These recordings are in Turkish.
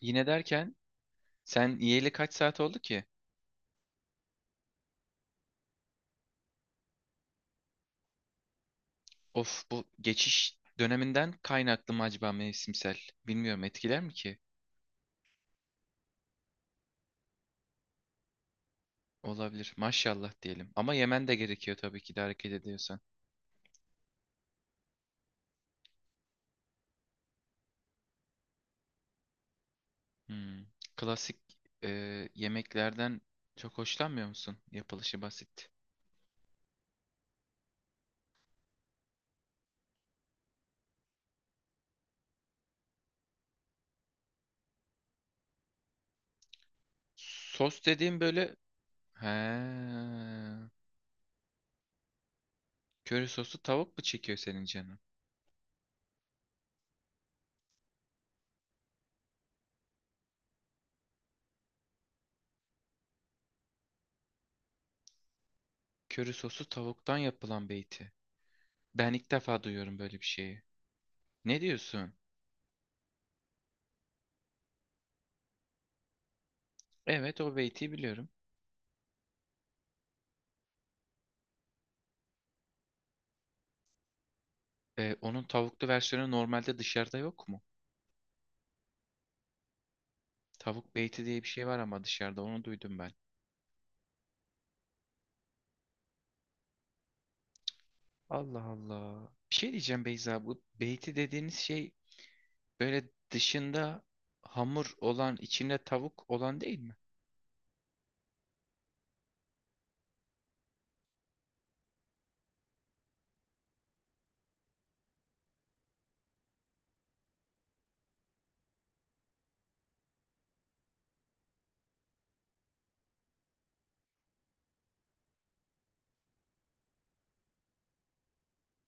Yine derken sen yiyeli kaç saat oldu ki? Of bu geçiş döneminden kaynaklı mı acaba mevsimsel? Bilmiyorum etkiler mi ki? Olabilir. Maşallah diyelim. Ama yemen de gerekiyor tabii ki de hareket ediyorsan. Hmm. Klasik yemeklerden çok hoşlanmıyor musun? Yapılışı basit. Sos dediğim böyle... He. Köri sosu tavuk mu çekiyor senin canın? Köri sosu tavuktan yapılan beyti. Ben ilk defa duyuyorum böyle bir şeyi. Ne diyorsun? Evet o beyti biliyorum. Onun tavuklu versiyonu normalde dışarıda yok mu? Tavuk beyti diye bir şey var ama dışarıda onu duydum ben. Allah Allah. Bir şey diyeceğim Beyza, bu beyti dediğiniz şey böyle dışında hamur olan içinde tavuk olan değil mi?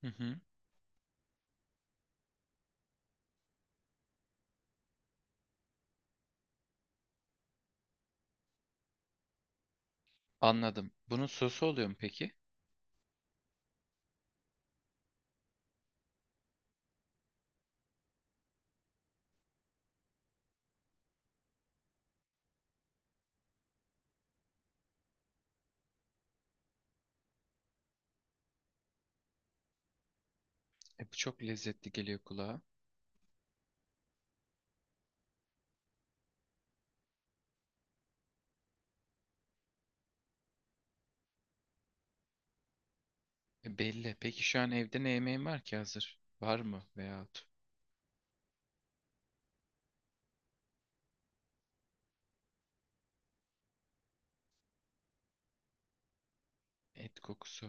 Hı hı. Anladım. Bunun sosu oluyor mu peki? Bu çok lezzetli geliyor kulağa. Belli. Peki şu an evde ne yemeğin var ki hazır? Var mı veyahut et kokusu?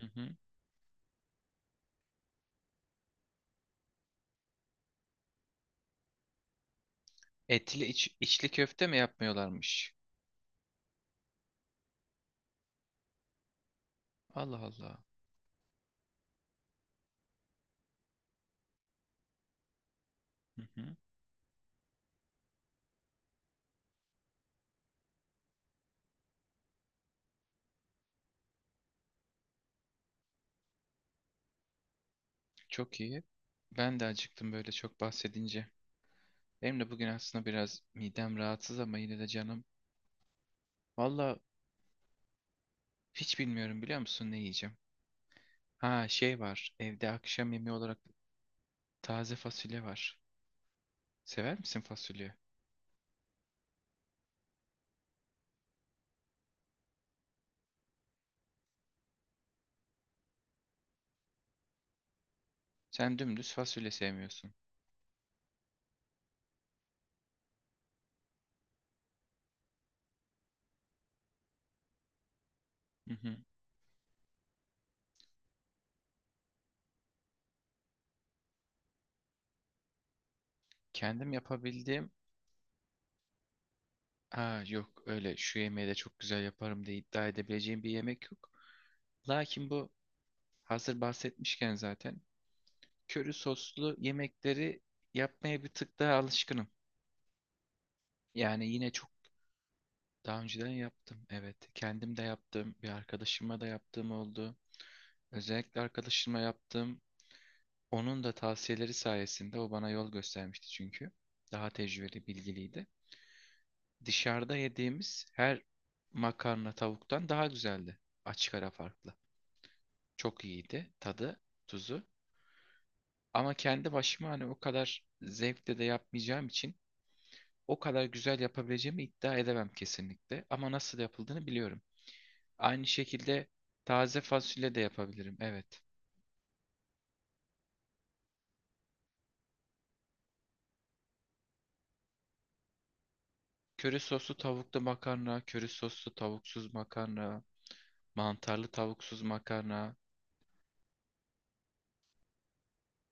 Hı hı. Etli içli köfte mi yapmıyorlarmış? Allah Allah. Hı hı. Çok iyi. Ben de acıktım böyle çok bahsedince. Benim de bugün aslında biraz midem rahatsız ama yine de canım. Valla hiç bilmiyorum, biliyor musun ne yiyeceğim? Ha, şey var. Evde akşam yemeği olarak taze fasulye var. Sever misin fasulye? Sen dümdüz fasulye sevmiyorsun. Hı hı. Kendim yapabildiğim... Ha yok, öyle şu yemeği de çok güzel yaparım diye iddia edebileceğim bir yemek yok. Lakin bu hazır bahsetmişken zaten. Köri soslu yemekleri yapmaya bir tık daha alışkınım. Yani yine çok daha önceden yaptım. Evet, kendim de yaptım. Bir arkadaşıma da yaptığım oldu. Özellikle arkadaşıma yaptığım, onun da tavsiyeleri sayesinde. O bana yol göstermişti çünkü. Daha tecrübeli, bilgiliydi. Dışarıda yediğimiz her makarna tavuktan daha güzeldi. Açık ara farklı. Çok iyiydi tadı, tuzu. Ama kendi başıma hani o kadar zevkle de yapmayacağım için o kadar güzel yapabileceğimi iddia edemem kesinlikle. Ama nasıl yapıldığını biliyorum. Aynı şekilde taze fasulye de yapabilirim. Evet. Köri soslu tavuklu makarna, köri soslu tavuksuz makarna, mantarlı tavuksuz makarna.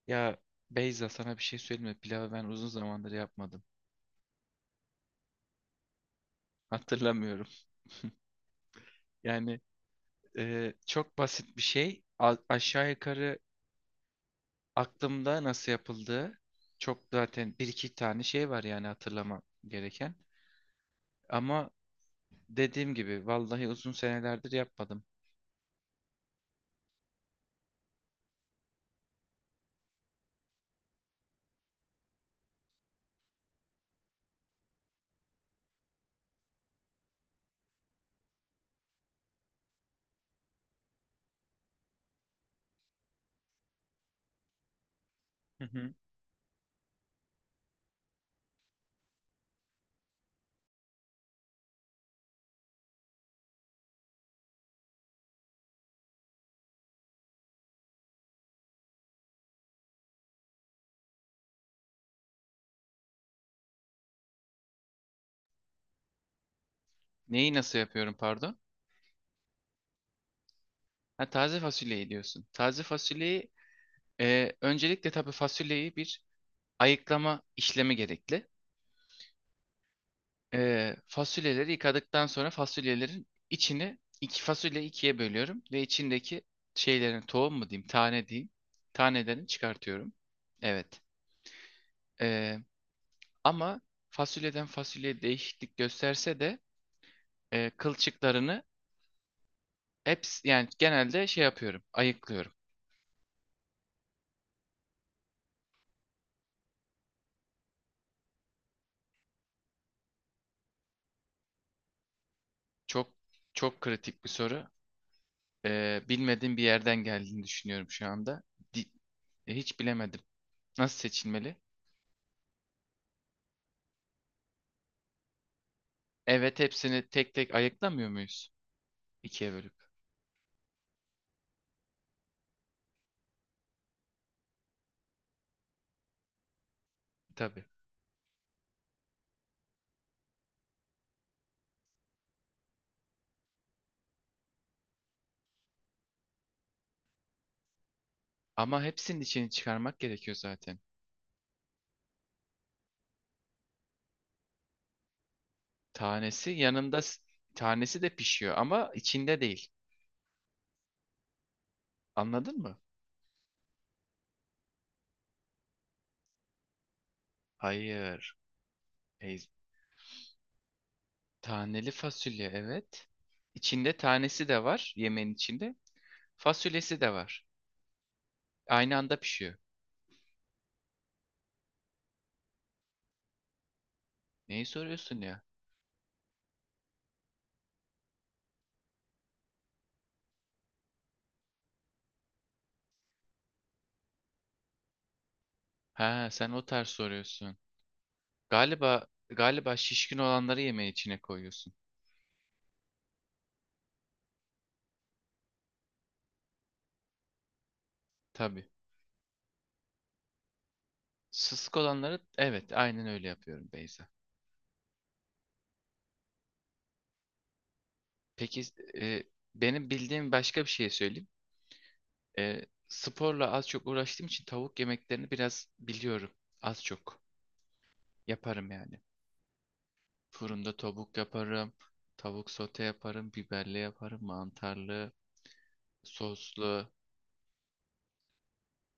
Ya Beyza, sana bir şey söyleyeyim mi? Pilavı ben uzun zamandır yapmadım. Hatırlamıyorum. Yani çok basit bir şey. Aşağı yukarı aklımda nasıl yapıldığı, çok zaten bir iki tane şey var yani hatırlamam gereken. Ama dediğim gibi vallahi uzun senelerdir yapmadım. Hı hı. Neyi nasıl yapıyorum pardon? Ha, taze fasulyeyi diyorsun. Taze fasulyeyi öncelikle, tabii fasulyeyi bir ayıklama işlemi gerekli. Fasulyeleri yıkadıktan sonra fasulyelerin içini, iki fasulye, ikiye bölüyorum ve içindeki şeylerin, tohum mu diyeyim, tane diyeyim, tanelerini çıkartıyorum. Evet. E, Ama fasulyeden fasulyeye değişiklik gösterse de kılçıklarını hepsi, yani genelde şey yapıyorum, ayıklıyorum. Çok çok kritik bir soru. Bilmediğim bir yerden geldiğini düşünüyorum şu anda. Di- Hiç bilemedim. Nasıl seçilmeli? Evet, hepsini tek tek ayıklamıyor muyuz? İkiye bölüp. Tabii. Ama hepsinin içini çıkarmak gerekiyor zaten. Tanesi yanında, s- Tanesi de pişiyor ama içinde değil. Anladın mı? Hayır. Ey- Taneli fasulye, evet. İçinde tanesi de var, yemeğin içinde. Fasulyesi de var. Aynı anda pişiyor. Neyi soruyorsun ya? Ha, sen o tarz soruyorsun. Galiba şişkin olanları yemeğin içine koyuyorsun. Tabii. Sısık olanları, evet, aynen öyle yapıyorum Beyza. Peki e, benim bildiğim başka bir şey söyleyeyim. Sporla az çok uğraştığım için tavuk yemeklerini biraz biliyorum. Az çok. Yaparım yani. Fırında tavuk yaparım. Tavuk sote yaparım. Biberli yaparım. Mantarlı. Soslu.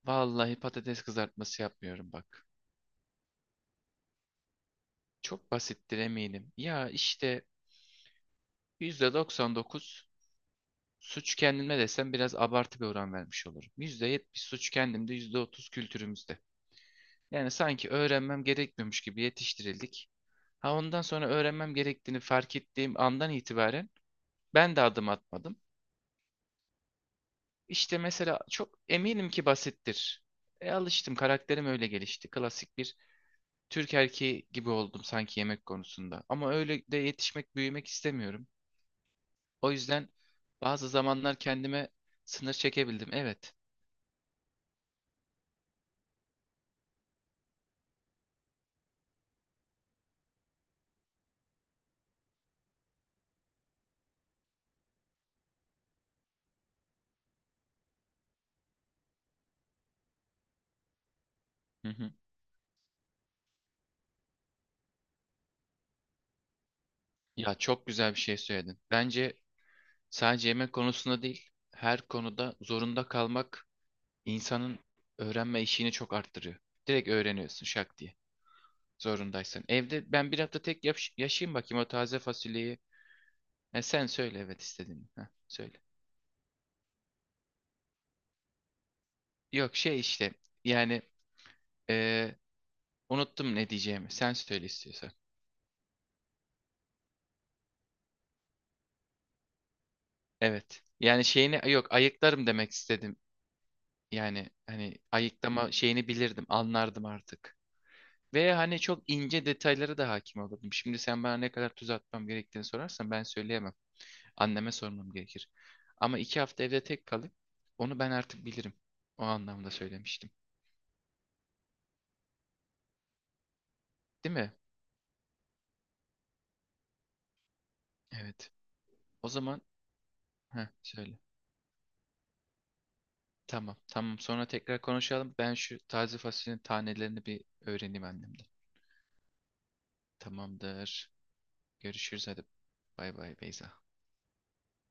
Vallahi patates kızartması yapmıyorum bak. Çok basittir eminim. Ya işte %99 suç kendime desem biraz abartı bir oran vermiş olurum. %70 suç kendimde, %30 kültürümüzde. Yani sanki öğrenmem gerekmiyormuş gibi yetiştirildik. Ha ondan sonra öğrenmem gerektiğini fark ettiğim andan itibaren ben de adım atmadım. İşte mesela çok eminim ki basittir. Alıştım, karakterim öyle gelişti. Klasik bir Türk erkeği gibi oldum sanki yemek konusunda. Ama öyle de yetişmek, büyümek istemiyorum. O yüzden bazı zamanlar kendime sınır çekebildim. Evet. Hı hı. Ya çok güzel bir şey söyledin. Bence sadece yemek konusunda değil, her konuda zorunda kalmak insanın öğrenme işini çok arttırıyor. Direkt öğreniyorsun şak diye. Zorundaysan. Evde ben bir hafta tek yaşayayım bakayım o taze fasulyeyi. Sen söyle evet istediğini. Ha söyle. Yok şey işte yani e, unuttum ne diyeceğimi. Sen söyle istiyorsan. Evet. Yani şeyini, yok, ayıklarım demek istedim. Yani hani ayıklama şeyini bilirdim, anlardım artık. Ve hani çok ince detaylara da hakim olurdum. Şimdi sen bana ne kadar tuz atmam gerektiğini sorarsan ben söyleyemem. Anneme sormam gerekir. Ama 2 hafta evde tek kalıp onu ben artık bilirim. O anlamda söylemiştim. Değil mi? Evet. O zaman heh, söyle. Tamam, tamam. Sonra tekrar konuşalım. Ben şu taze fasulyenin tanelerini bir öğreneyim annemden. Tamamdır. Görüşürüz hadi. Bay bay Beyza.